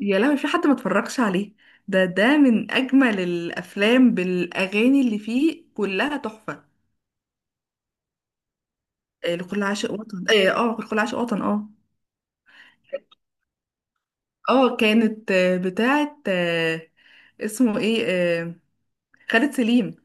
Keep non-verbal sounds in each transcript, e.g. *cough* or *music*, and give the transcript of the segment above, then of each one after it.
يا لهوي في حد ما اتفرجش عليه. ده من اجمل الافلام بالاغاني اللي فيه كلها تحفه. لكل عاشق وطن، لكل عاشق وطن، اه كانت بتاعه، اسمه ايه؟ خالد سليم.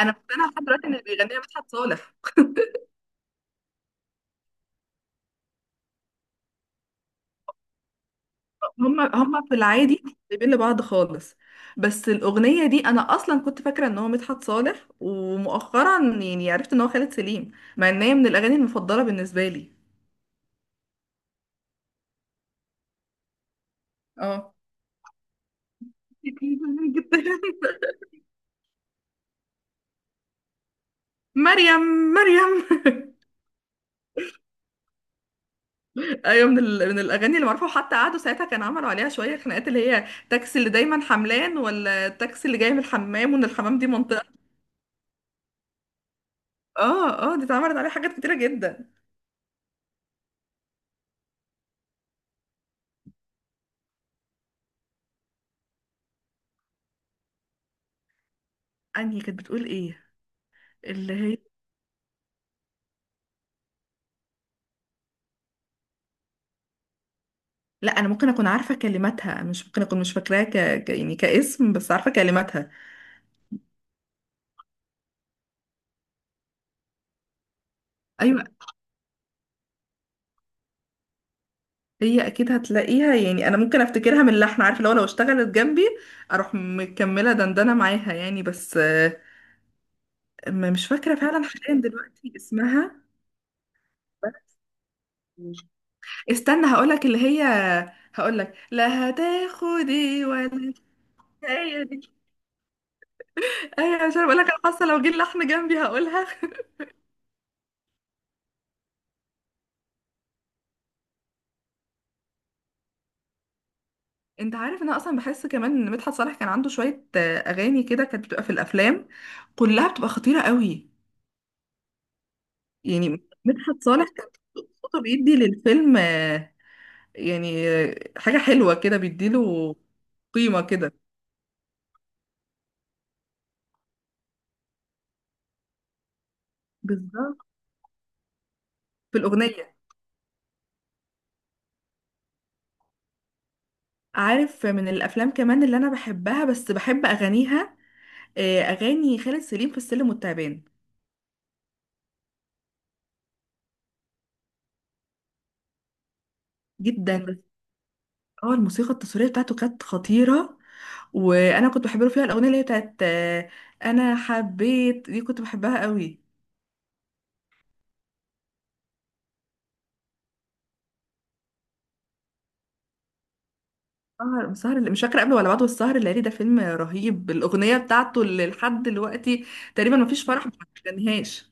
انا مقتنعه لحد دلوقتي ان اللي بيغنيها مدحت صالح. *laughs* هم في العادي، سايبين لبعض خالص. بس الاغنيه دي انا اصلا كنت فاكره ان هو مدحت صالح، ومؤخرا يعني عرفت ان هو خالد سليم، مع ان هي من الاغاني المفضله بالنسبه لي. اه. *laughs* جدا. مريم، مريم. ايوه، من من الاغاني اللي معروفه، وحتى قعدوا ساعتها كان عملوا عليها شويه خناقات، اللي هي التاكسي اللي دايما حملان ولا التاكسي اللي جاي من الحمام، وان الحمام دي منطقه. اه اه، دي اتعملت عليها حاجات كتيره جدا. انهي كانت بتقول ايه؟ اللي هي، لا انا ممكن اكون عارفه كلماتها، مش ممكن اكون مش فاكراها يعني كاسم، بس عارفه كلماتها. ايوه. هي اكيد هتلاقيها، يعني انا ممكن افتكرها من اللحن، عارفه لو اشتغلت جنبي اروح مكمله دندنه معاها يعني. بس مش فاكرة فعلا حاليا دلوقتي اسمها. بس استنى هقولك اللي هي، هقولك لا هتاخدي ولا هتاخدي. ايوه، مش عارفه اقولك، انا حاسه لو جه اللحن جنبي هقولها. *laughs* انت عارف إن انا اصلا بحس كمان ان مدحت صالح كان عنده شويه اغاني كده كانت بتبقى في الافلام كلها بتبقى خطيره قوي. يعني مدحت صالح كان صوته بيدي للفيلم، يعني حاجه حلوه كده بيديله قيمه كده. بالظبط، في الاغنيه. عارف من الافلام كمان اللي انا بحبها بس بحب اغانيها، اغاني خالد سليم في السلم والتعبان. جدا. بس اه، الموسيقى التصويريه بتاعته كانت خطيره. وانا كنت بحب له فيها الاغنيه اللي هي بتاعت انا حبيت دي كنت بحبها قوي. سهر مش فاكره قبل ولا بعد، والسهر الليالي ده فيلم رهيب، الاغنيه بتاعته اللي لحد دلوقتي تقريبا مفيش فرح ما غنيهاش.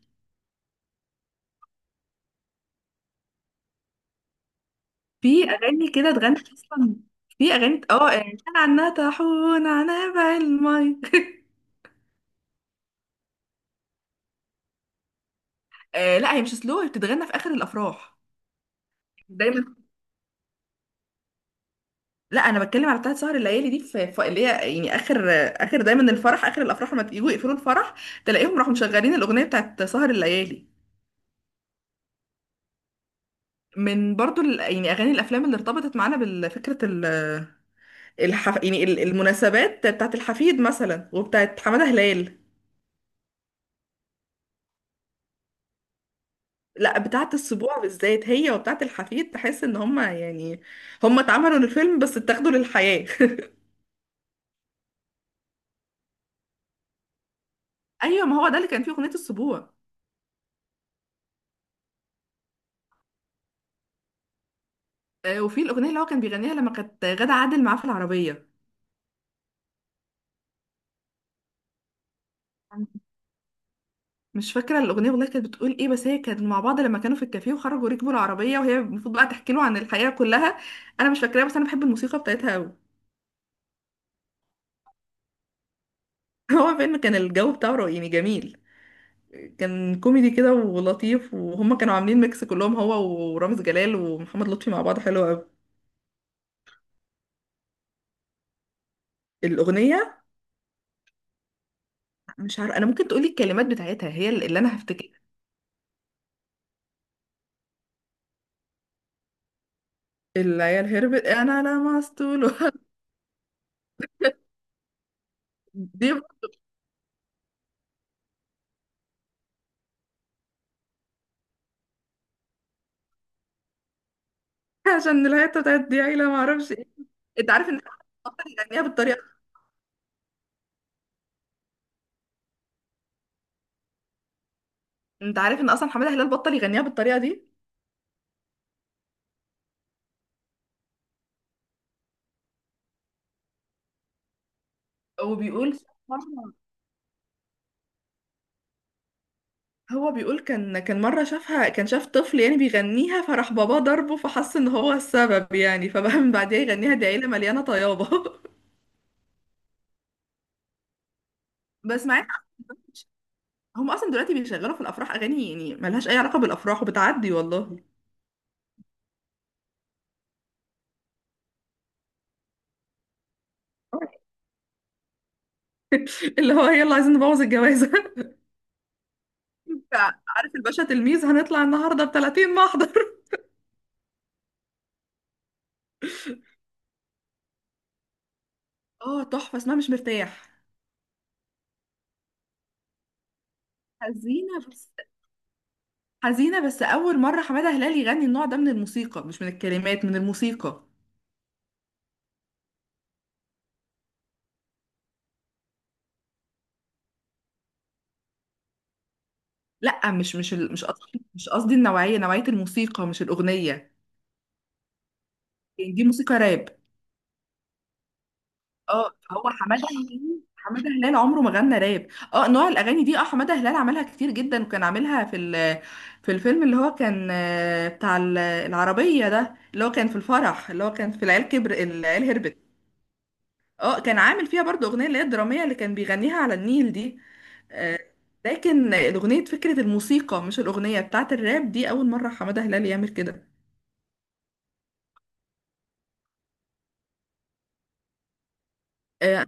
في اغاني كده اتغنت اصلا. في اغاني اه كان عنها طاحون عنها بعلمي. *laughs* آه لا، هي مش سلو، هي بتتغنى في اخر الافراح دايما. لا انا بتكلم على بتاعت سهر الليالي دي، اللي هي يعني اخر دايما الفرح، اخر الافراح لما يجوا يقفلوا الفرح تلاقيهم راحوا مشغلين الاغنيه بتاعت سهر الليالي. من برضو يعني اغاني الافلام اللي ارتبطت معانا بالفكره، يعني المناسبات بتاعت الحفيد مثلا، وبتاعت حماده هلال. لا، بتاعت السبوع بالذات هي وبتاعت الحفيد، تحس ان هما يعني هما اتعملوا للفيلم بس اتاخدوا للحياه. *laughs* ايوه، ما هو ده اللي كان فيه اغنيه السبوع. وفي الاغنيه اللي هو كان بيغنيها لما كانت غادة عادل معاه في العربيه. مش فاكره الاغنيه والله، كانت بتقول ايه؟ بس هي كانت مع بعض لما كانوا في الكافيه، وخرجوا ركبوا العربيه، وهي المفروض بقى تحكي له عن الحياه كلها. انا مش فاكراها، بس انا بحب الموسيقى بتاعتها قوي. *laughs* هو فيلم كان الجو بتاعه رائع، يعني جميل. كان كوميدي كده ولطيف، وهم كانوا عاملين ميكس كلهم، هو ورامز جلال ومحمد لطفي مع بعض، حلو قوي. الاغنيه، مش عارفه، انا ممكن تقولي الكلمات بتاعتها هي اللي انا هفتكرها. العيال هربت، انا لمست له. *laughs* دي. *laughs* عشان الهيطه بتاعت دي عيله ما اعرفش ايه. انت عارف ان حماده بطل يغنيها بالطريقه. انت عارف ان اصلا حماده هلال بطل يغنيها بالطريقه دي، وبيقول *laughs* مرة- هو بيقول كان مره شافها، كان شاف طفل يعني بيغنيها، فراح باباه ضربه، فحس ان هو السبب يعني، فبقى من بعديها يغنيها: دي عيله مليانه طيابه. *laughs* بس مع إن هم اصلا دلوقتي بيشغلوا في الافراح اغاني يعني ملهاش اي علاقه بالافراح، وبتعدي والله. *laughs* اللي هو يلا عايزين نبوظ الجوازه. *laughs* عارف الباشا تلميذ هنطلع النهارده ب 30 محضر. اه، تحفة، اسمها مش مرتاح. حزينة بس حزينة بس أول مرة حمادة هلال يغني النوع ده من الموسيقى، مش من الكلمات، من الموسيقى. لا، مش قصدي النوعية الموسيقى، مش الأغنية. يعني دي موسيقى راب. اه، هو حمادة هلال عمره ما غنى راب. اه، نوع الأغاني دي، اه حمادة هلال عملها كتير جدا، وكان عاملها في الفيلم اللي هو كان، بتاع العربية ده، اللي هو كان في الفرح، اللي هو كان في العيال هربت. اه، كان عامل فيها برضو اغنيه اللي هي الدراميه اللي كان بيغنيها على النيل دي. آه، لكن الاغنيه فكره الموسيقى، مش الاغنيه بتاعت الراب دي، اول مره حماده هلال يعمل كده. آه،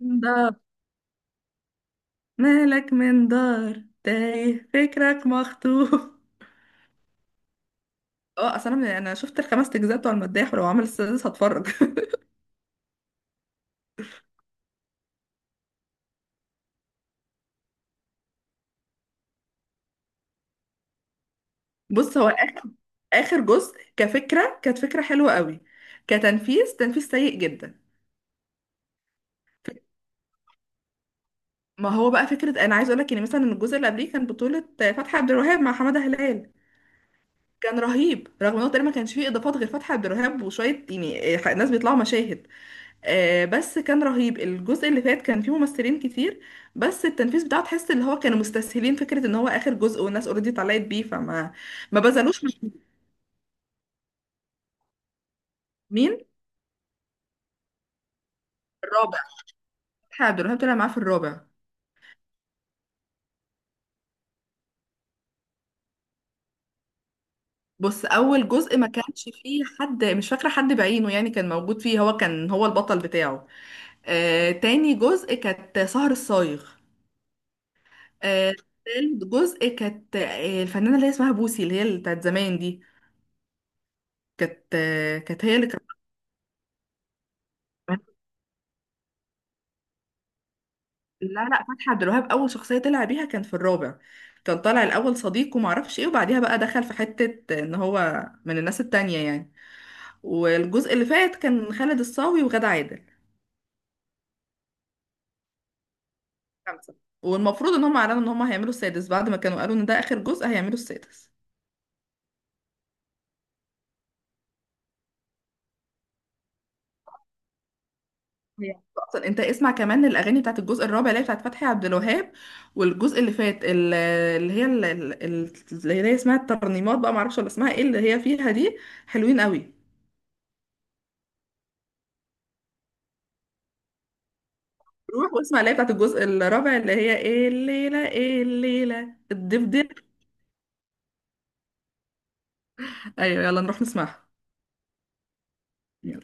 من دار مالك، من دار تايه فكرك مخطوف. *laughs* اه، اصل انا شفت الخمس اجزاء بتوع المداح، ولو عمل السادس هتفرج. *laughs* بص، هو اخر جزء كفكره كانت فكره حلوه قوي، تنفيذ سيء جدا. ما هو بقى فكره، انا عايز اقول لك ان مثلا الجزء اللي قبليه كان بطوله فتحي عبد الوهاب مع حماده هلال. كان رهيب، رغم انه تقريبا ما كانش فيه اضافات غير فتحي عبد الوهاب وشويه يعني ناس بيطلعوا مشاهد. بس كان رهيب، الجزء اللي فات كان فيه ممثلين كتير، بس التنفيذ بتاعه تحس اللي هو كانوا مستسهلين فكره ان هو اخر جزء والناس اوريدي طلعت بيه، فما ما بذلوش مش. مين؟ الرابع. فتحي عبد الوهاب طلع معاه في الرابع. بص، اول جزء ما كانش فيه حد، مش فاكره حد بعينه يعني كان موجود فيه، هو كان هو البطل بتاعه. تاني جزء كانت سهر الصايغ. آه، تالت جزء كانت الفنانة اللي هي اسمها بوسي، اللي بتاعت زمان دي، كانت هي اللي كانت. لا لا، فتحي عبد الوهاب أول شخصية طلع بيها كان في الرابع. كان طالع الأول صديق ومعرفش ايه، وبعديها بقى دخل في حتة إن هو من الناس التانية يعني. والجزء اللي فات كان خالد الصاوي وغادة عادل. خمسة. والمفروض إن هم أعلنوا إن هم هيعملوا السادس، بعد ما كانوا قالوا إن ده آخر جزء هيعملوا السادس. هي اصلا انت اسمع كمان الاغاني بتاعت الجزء الرابع اللي هي بتاعت فتحي عبد الوهاب، والجزء اللي فات اللي هي اسمها الترنيمات بقى، معرفش ولا اسمها ايه اللي هي فيها دي، حلوين قوي. روح واسمع اللي هي بتاعت الجزء الرابع، اللي هي ايه الليله، ايه الليله الدبدب. ايوه، يلا نروح نسمعها.